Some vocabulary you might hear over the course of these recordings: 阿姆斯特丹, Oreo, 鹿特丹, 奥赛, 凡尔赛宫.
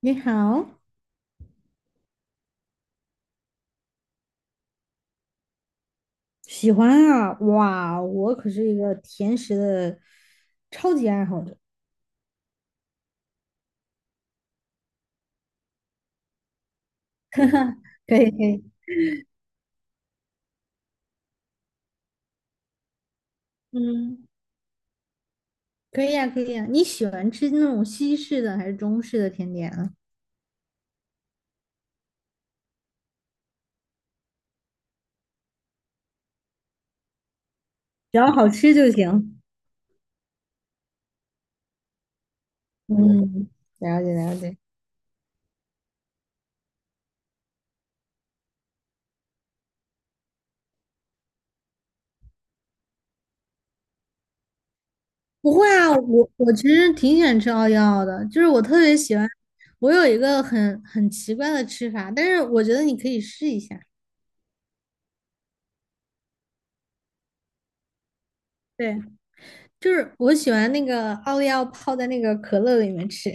你好，喜欢啊！哇，我可是一个甜食的超级爱好者。可以可以 嗯，可以呀、可以呀、你喜欢吃那种西式的还是中式的甜点啊？只要好吃就行。嗯，了解了解。不会啊，我其实挺喜欢吃奥利奥的，就是我特别喜欢。我有一个很奇怪的吃法，但是我觉得你可以试一下。对，就是我喜欢那个奥利奥泡在那个可乐里面吃。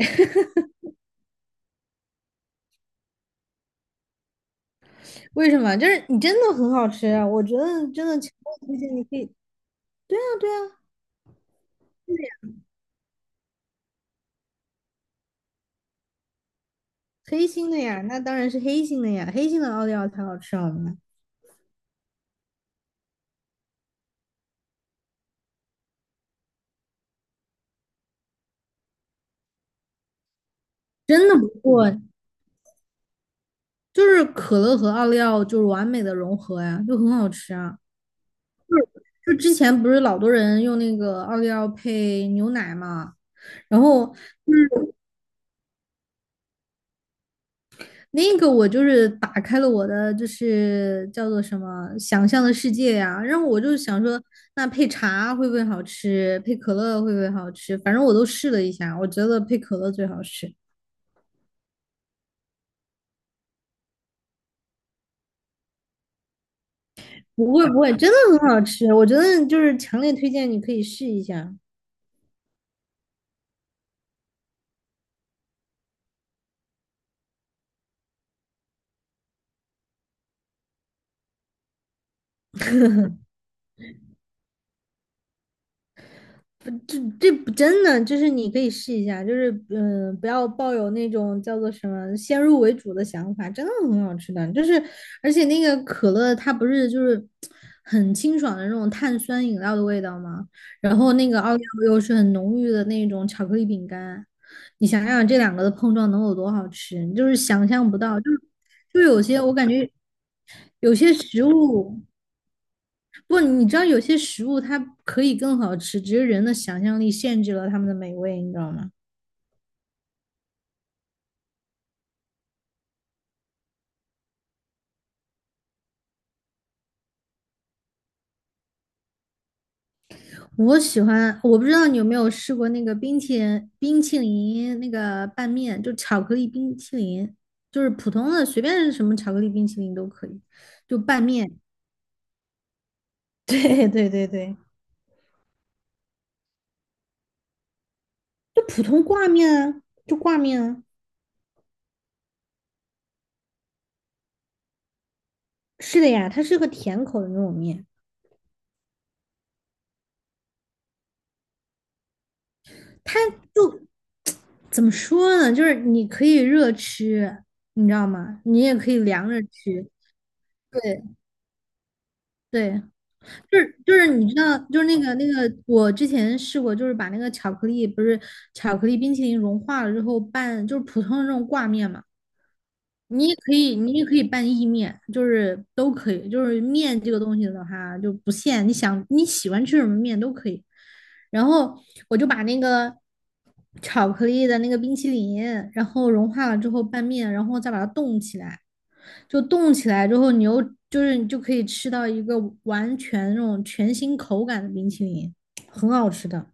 为什么？就是你真的很好吃啊，我觉得真的强烈推荐你可以。对啊，对啊，对呀，黑心的呀，那当然是黑心的呀，黑心的奥利奥才好吃好吗？真的不错，就是可乐和奥利奥就是完美的融合呀，就很好吃啊。就之前不是老多人用那个奥利奥配牛奶嘛，然后那个我就是打开了我的就是叫做什么想象的世界呀、然后我就想说，那配茶会不会好吃？配可乐会不会好吃？反正我都试了一下，我觉得配可乐最好吃。不会不会，真的很好吃，我觉得就是强烈推荐你可以试一下。这不真的，就是你可以试一下，就是不要抱有那种叫做什么先入为主的想法，真的很好吃的。就是而且那个可乐它不是就是很清爽的那种碳酸饮料的味道吗？然后那个奥利奥又是很浓郁的那种巧克力饼干，你想想这两个的碰撞能有多好吃，你就是想象不到。就是就有些我感觉有些食物。不，你知道有些食物它可以更好吃，只是人的想象力限制了它们的美味，你知道吗？我喜欢，我不知道你有没有试过那个冰淇淋那个拌面，就巧克力冰淇淋，就是普通的随便什么巧克力冰淇淋都可以，就拌面。对对对对，就普通挂面啊，就挂面啊。是的呀，它是个甜口的那种面，它就怎么说呢？就是你可以热吃，你知道吗？你也可以凉着吃。对对，就是就是你知道，就是那个，我之前试过，就是把那个巧克力，不是巧克力冰淇淋融化了之后拌，就是普通的那种挂面嘛。你也可以，你也可以拌意面，就是都可以。就是面这个东西的话，就不限，你想你喜欢吃什么面都可以。然后我就把那个巧克力的那个冰淇淋，然后融化了之后拌面，然后再把它冻起来。就冻起来之后，你又就是你就可以吃到一个完全那种全新口感的冰淇淋，很好吃的。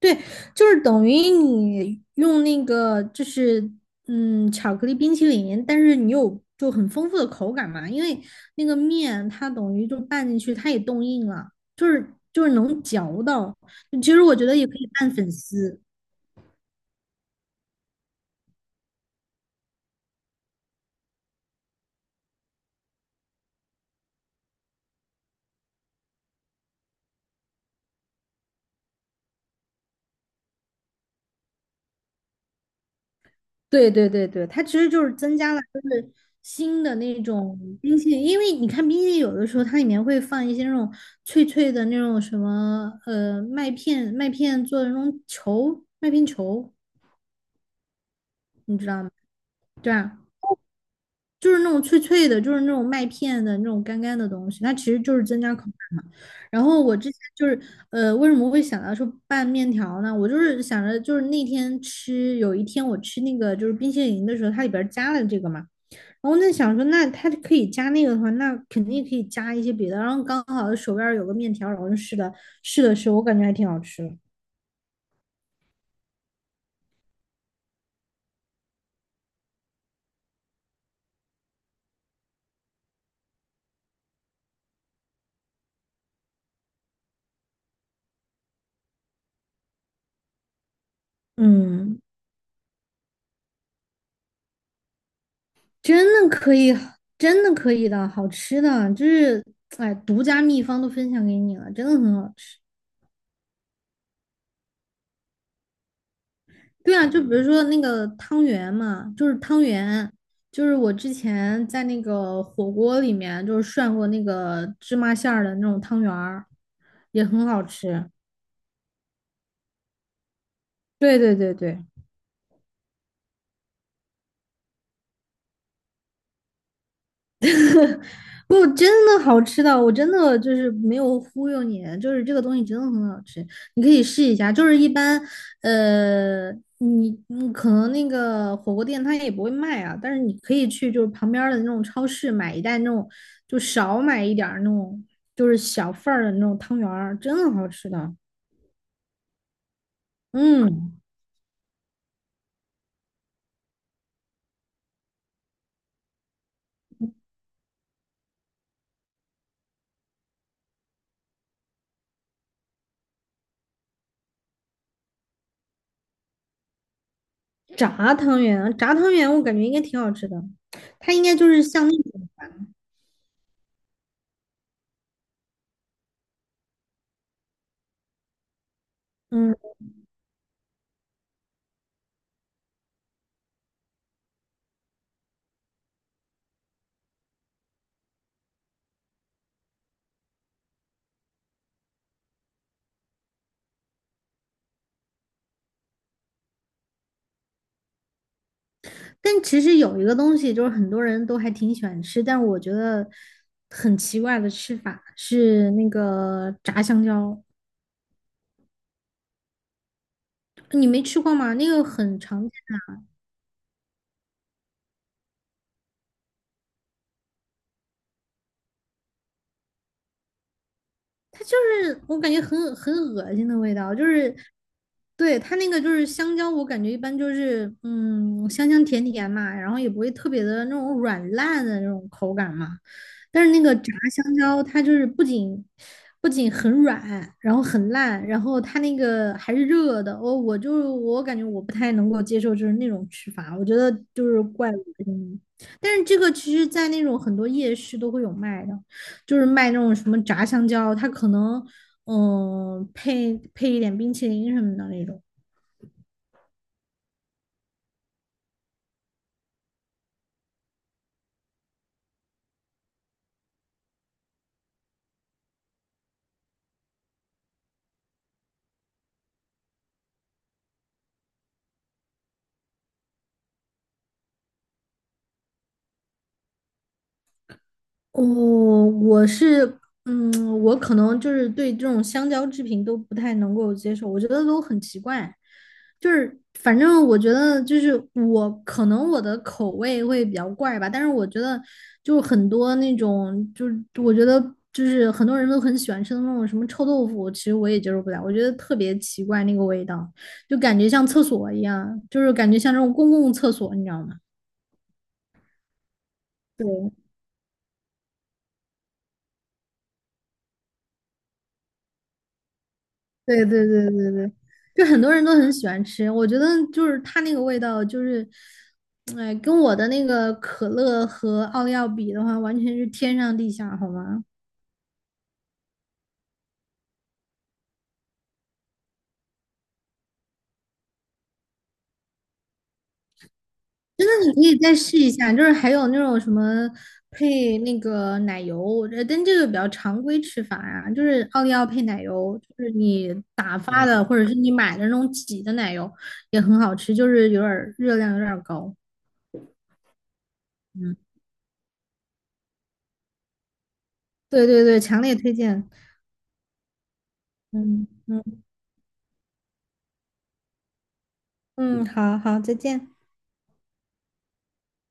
对，就是等于你用那个就是巧克力冰淇淋，但是你有就很丰富的口感嘛，因为那个面它等于就拌进去，它也冻硬了，就是就是能嚼到。其实我觉得也可以拌粉丝。对对对对，它其实就是增加了就是新的那种冰淇淋，因为你看冰淇淋有的时候它里面会放一些那种脆脆的那种什么麦片做的那种球麦片球，你知道吗？对啊，就是那种脆脆的，就是那种麦片的那种干干的东西，它其实就是增加口感嘛。然后我之前就是为什么会想到说拌面条呢？我就是想着就是那天吃有一天我吃那个就是冰淇淋的时候，它里边儿加了这个嘛。然后在想说，那它可以加那个的话，那肯定可以加一些别的。然后刚好手边有个面条，然后就试，我感觉还挺好吃的。嗯，真的可以，真的可以的，好吃的，就是哎，独家秘方都分享给你了，真的很好吃。对啊，就比如说那个汤圆嘛，就是汤圆，就是我之前在那个火锅里面就是涮过那个芝麻馅儿的那种汤圆儿，也很好吃。对对对对。不，真的好吃的，我真的就是没有忽悠你，就是这个东西真的很好吃，你可以试一下。就是一般，呃，你可能那个火锅店它也不会卖啊，但是你可以去就是旁边儿的那种超市买一袋那种，就少买一点儿那种，就是小份儿的那种汤圆儿，真的好吃的。嗯，炸汤圆，炸汤圆我感觉应该挺好吃的，它应该就是像那种，嗯。但其实有一个东西，就是很多人都还挺喜欢吃，但是我觉得很奇怪的吃法是那个炸香蕉，你没吃过吗？那个很常它就是我感觉很恶心的味道，就是对它那个就是香蕉，我感觉一般就是香香甜甜嘛，然后也不会特别的那种软烂的那种口感嘛。但是那个炸香蕉，它就是不仅很软，然后很烂，然后它那个还是热的。我感觉我不太能够接受就是那种吃法，我觉得就是怪恶心。但是这个其实在那种很多夜市都会有卖的。就是卖那种什么炸香蕉，它可能嗯、配一点冰淇淋什么的那种。哦，我是，嗯，我可能就是对这种香蕉制品都不太能够接受，我觉得都很奇怪。就是反正我觉得就是我可能我的口味会比较怪吧，但是我觉得就很多那种就是我觉得就是很多人都很喜欢吃的那种什么臭豆腐，其实我也接受不了，我觉得特别奇怪那个味道，就感觉像厕所一样，就是感觉像这种公共厕所，你知道吗？对对对对对对，就很多人都很喜欢吃，我觉得就是它那个味道，就是，哎，跟我的那个可乐和奥利奥比的话，完全是天上地下，好吗？你可以再试一下，就是还有那种什么配那个奶油，我觉得但这个比较常规吃法呀，就是奥利奥配奶油，就是你打发的或者是你买的那种挤的奶油也很好吃，就是有点儿热量有点儿高，嗯，对对对，强烈推荐，嗯嗯。嗯，好好，再见。